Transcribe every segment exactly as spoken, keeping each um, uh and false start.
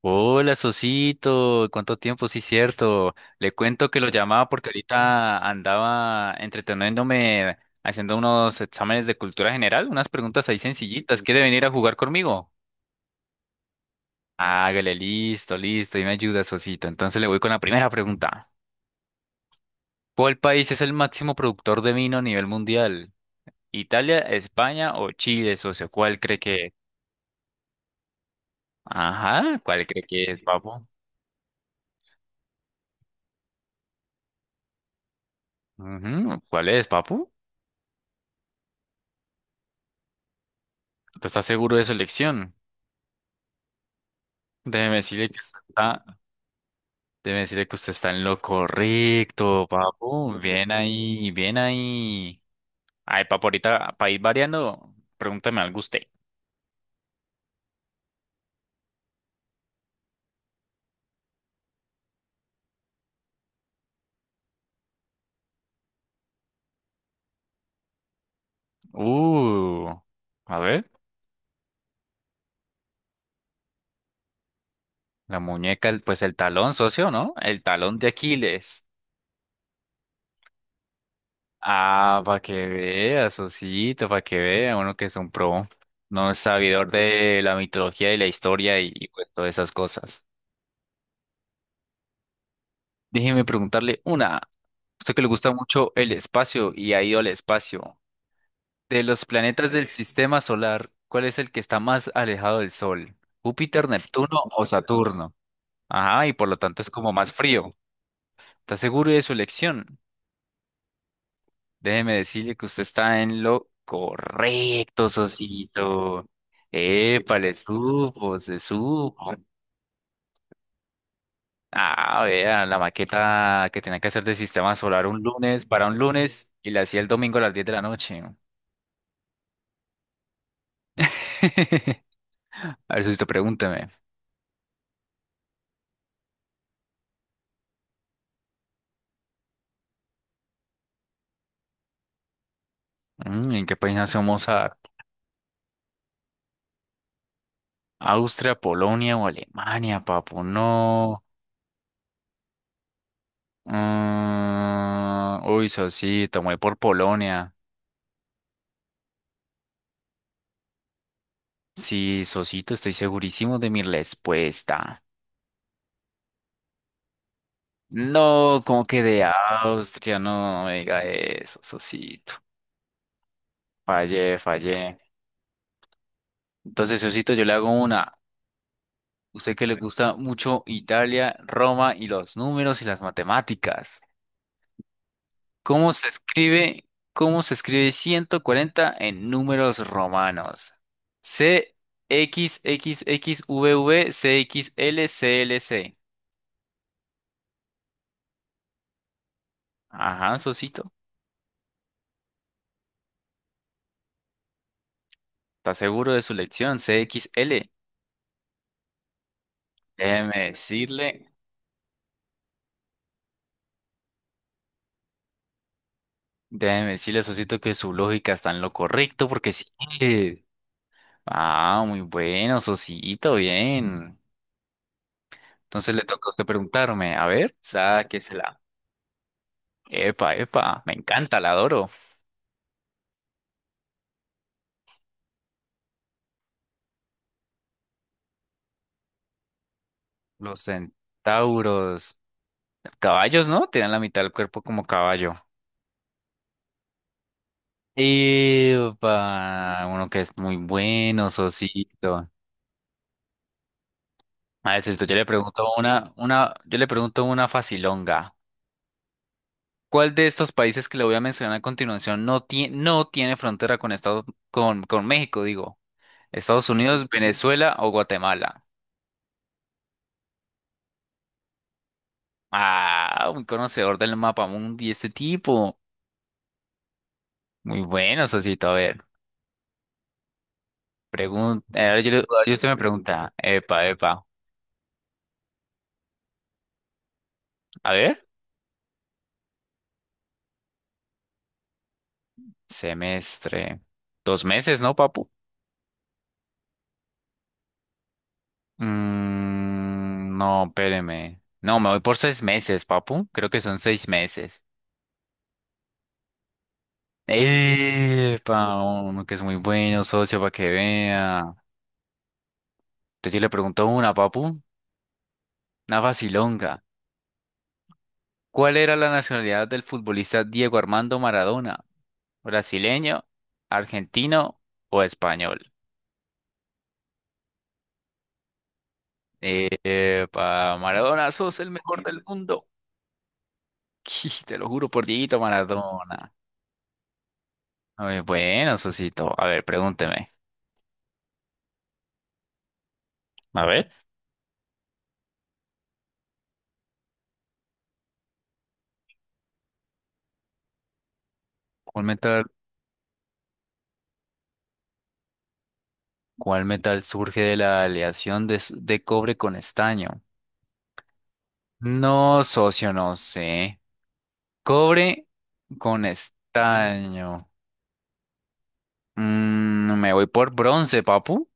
Hola, Sosito, ¿cuánto tiempo? Sí, cierto. Le cuento que lo llamaba porque ahorita andaba entreteniéndome haciendo unos exámenes de cultura general, unas preguntas ahí sencillitas. ¿Quiere venir a jugar conmigo? Hágale, listo, listo, y me ayuda, Sosito. Entonces le voy con la primera pregunta. ¿Cuál país es el máximo productor de vino a nivel mundial? ¿Italia, España o Chile, socio? ¿Cuál cree que es? Ajá, ¿cuál cree que es, papu? Ujú, ¿cuál es, papu? ¿Tú estás seguro de su elección? Déjeme decirle que usted está, déjeme decirle que usted está en lo correcto, papu. Bien ahí, bien ahí. Ay, papu, ahorita, para ir variando, pregúntame algo usted. Uh, a ver, la muñeca, el- pues el talón, socio, ¿no? El talón de Aquiles. Ah, para que vea, sociito, para que vea, uno que es un pro, no es sabidor de la mitología y la historia y, y pues todas esas cosas. Déjeme preguntarle una. Usted que le gusta mucho el espacio y ha ido al espacio. De los planetas del sistema solar, ¿cuál es el que está más alejado del Sol? ¿Júpiter, Neptuno o Saturno? Ajá, y por lo tanto es como más frío. ¿Está seguro de su elección? Déjeme decirle que usted está en lo correcto, socito. Epa, le supo, se supo. Ah, vea, la maqueta que tenía que hacer de sistema solar un lunes para un lunes y la hacía el domingo a las diez de la noche. A ver, si pregúnteme. Mm, ¿en qué país nació Mozart? ¿Austria, Polonia o Alemania, papu? No. Mm, uy, Sosito, me voy por Polonia. Sí, Sosito, estoy segurísimo de mi respuesta. No, como que de Austria, no, me diga eso, Sosito. Fallé, fallé. Entonces, Sosito, yo le hago una. Usted que le gusta mucho Italia, Roma y los números y las matemáticas. ¿Cómo se escribe, cómo se escribe ciento cuarenta en números romanos? C, X, X, X, V, V, C, X, L, C, L, C. Ajá, Sosito. ¿Está seguro de su lección? C, X, L. Déjeme decirle, déjeme decirle, Sosito, que su lógica está en lo correcto porque sí. Ah, muy bueno, Sosito, bien. Entonces le toca a usted preguntarme, a ver, sáquesela. Epa, epa, me encanta, la adoro. Los centauros, caballos, ¿no? Tienen la mitad del cuerpo como caballo. Epa, uno que es muy bueno, Sosito. A ver, Sosito, yo le pregunto una, una, yo le pregunto una facilonga. ¿Cuál de estos países que le voy a mencionar a continuación no tiene, no tiene frontera con Estados, con, con México, digo? ¿Estados Unidos, Venezuela o Guatemala? Ah, un conocedor del mapa mundi, este tipo. Muy bueno, Sosito. A ver, pregunta. Ahora yo, le- ahora usted me pregunta. Epa, epa. A ver, semestre. Dos meses, ¿no, papu? Mm, no, espéreme. No, me voy por seis meses, papu. Creo que son seis meses. Epa, uno que es muy bueno, socio, para que vea. Entonces yo le pregunto una, papu. Una facilonga. ¿Cuál era la nacionalidad del futbolista Diego Armando Maradona? ¿Brasileño, argentino o español? Eh, para Maradona, sos el mejor del mundo. Te lo juro por Dieguito Maradona. A ver, bueno, Sosito. A ver, pregúnteme. A ver. ¿Cuál metal, cuál metal surge de la aleación de, s- de cobre con estaño? No, socio, no sé. Cobre con estaño. Mm, me voy por bronce, papu.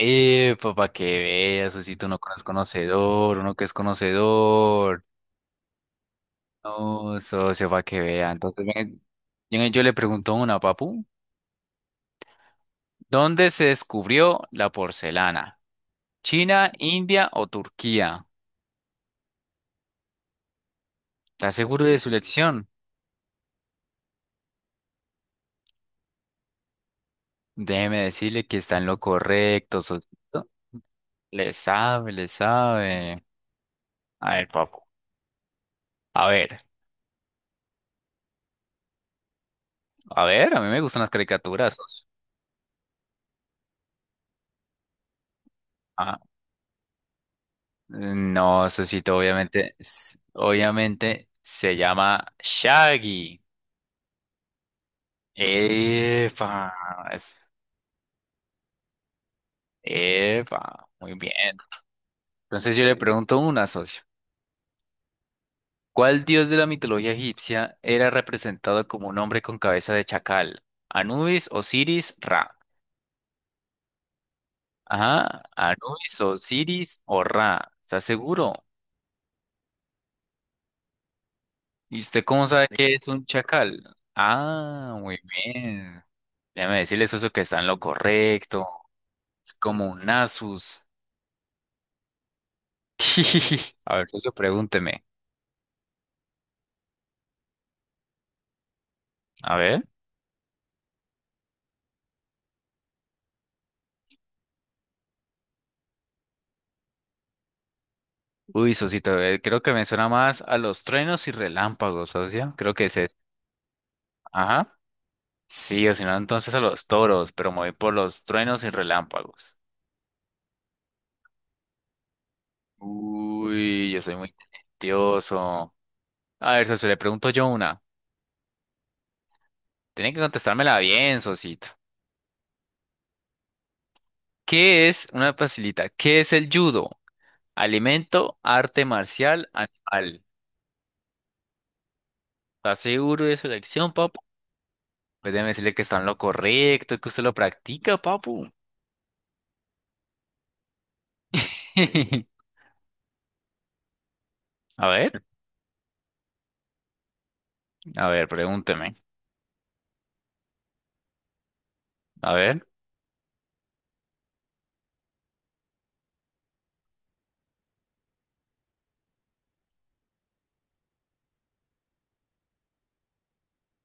Eh, para que veas, socito, uno que no es conocedor, uno que es conocedor. No, socio, para que vea. Entonces, venga, venga, yo le pregunto una, papu. ¿Dónde se descubrió la porcelana? ¿China, India o Turquía? ¿Está seguro de su elección? Déjeme decirle que está en lo correcto, socito. Le sabe, le sabe. A ver, papu. A ver, a ver, a mí me gustan las caricaturas, socio. No, Sosito, obviamente, s- obviamente se llama Shaggy. Epa, es- epa, muy bien. Entonces yo le pregunto una, socio. ¿Cuál dios de la mitología egipcia era representado como un hombre con cabeza de chacal? ¿Anubis, Osiris, Ra? Ajá, Anubis, Osiris o Ra. ¿Está seguro? ¿Y usted cómo sabe Me- que es un chacal? Ah, muy bien. Déjame decirle, socio, que está en lo correcto. Es como un Asus. A ver, socio, pregúnteme. A ver. Uy, socito, eh, creo que me suena más a los truenos y relámpagos, socio. Creo que es este. Ajá. Sí, o si no, entonces a los toros, pero me voy por los truenos y relámpagos. Uy, yo soy muy talentoso. A ver, socio, le pregunto yo una. Tiene que contestármela bien, socito. ¿Qué es, una facilita, qué es el judo? Alimento, arte marcial, animal. ¿Estás seguro de su elección? Pues déjeme decirle que está en lo correcto, que usted lo practica, papu. A ver, a ver, pregúnteme. A ver.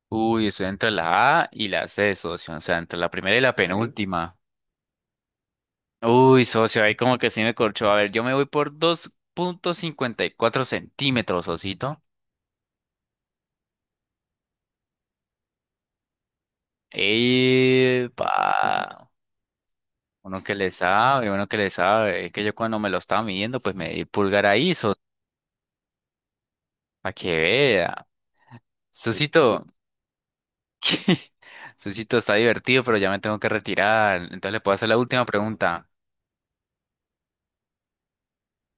Uy, estoy entre la A y la C, socio. O sea, entre la primera y la penúltima. Uy, socio, ahí como que sí me corchó. A ver, yo me voy por dos punto cincuenta y cuatro centímetros, socito. ¡Epa! Uno que le sabe, uno que le sabe. Es que yo cuando me lo estaba midiendo, pues me di pulgar ahí, socio. Para que vea. Sí. Socito, Susito, está divertido, pero ya me tengo que retirar. Entonces le puedo hacer la última pregunta.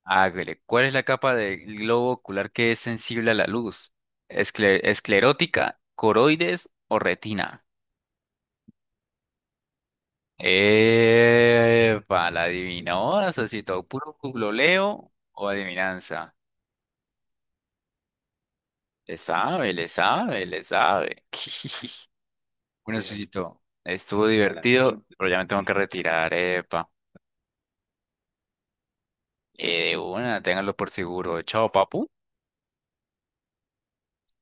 Hágale. ¿Cuál es la capa del globo ocular que es sensible a la luz? ¿Escle- esclerótica, coroides o retina? Epa, la adivinó, Susito. ¿Puro googleo o adivinanza? Le sabe, le sabe, le sabe. Bueno, Susito, estuvo divertido, pero ya me tengo que retirar. Epa. Eh, de una, ténganlo por seguro. Chao, papu.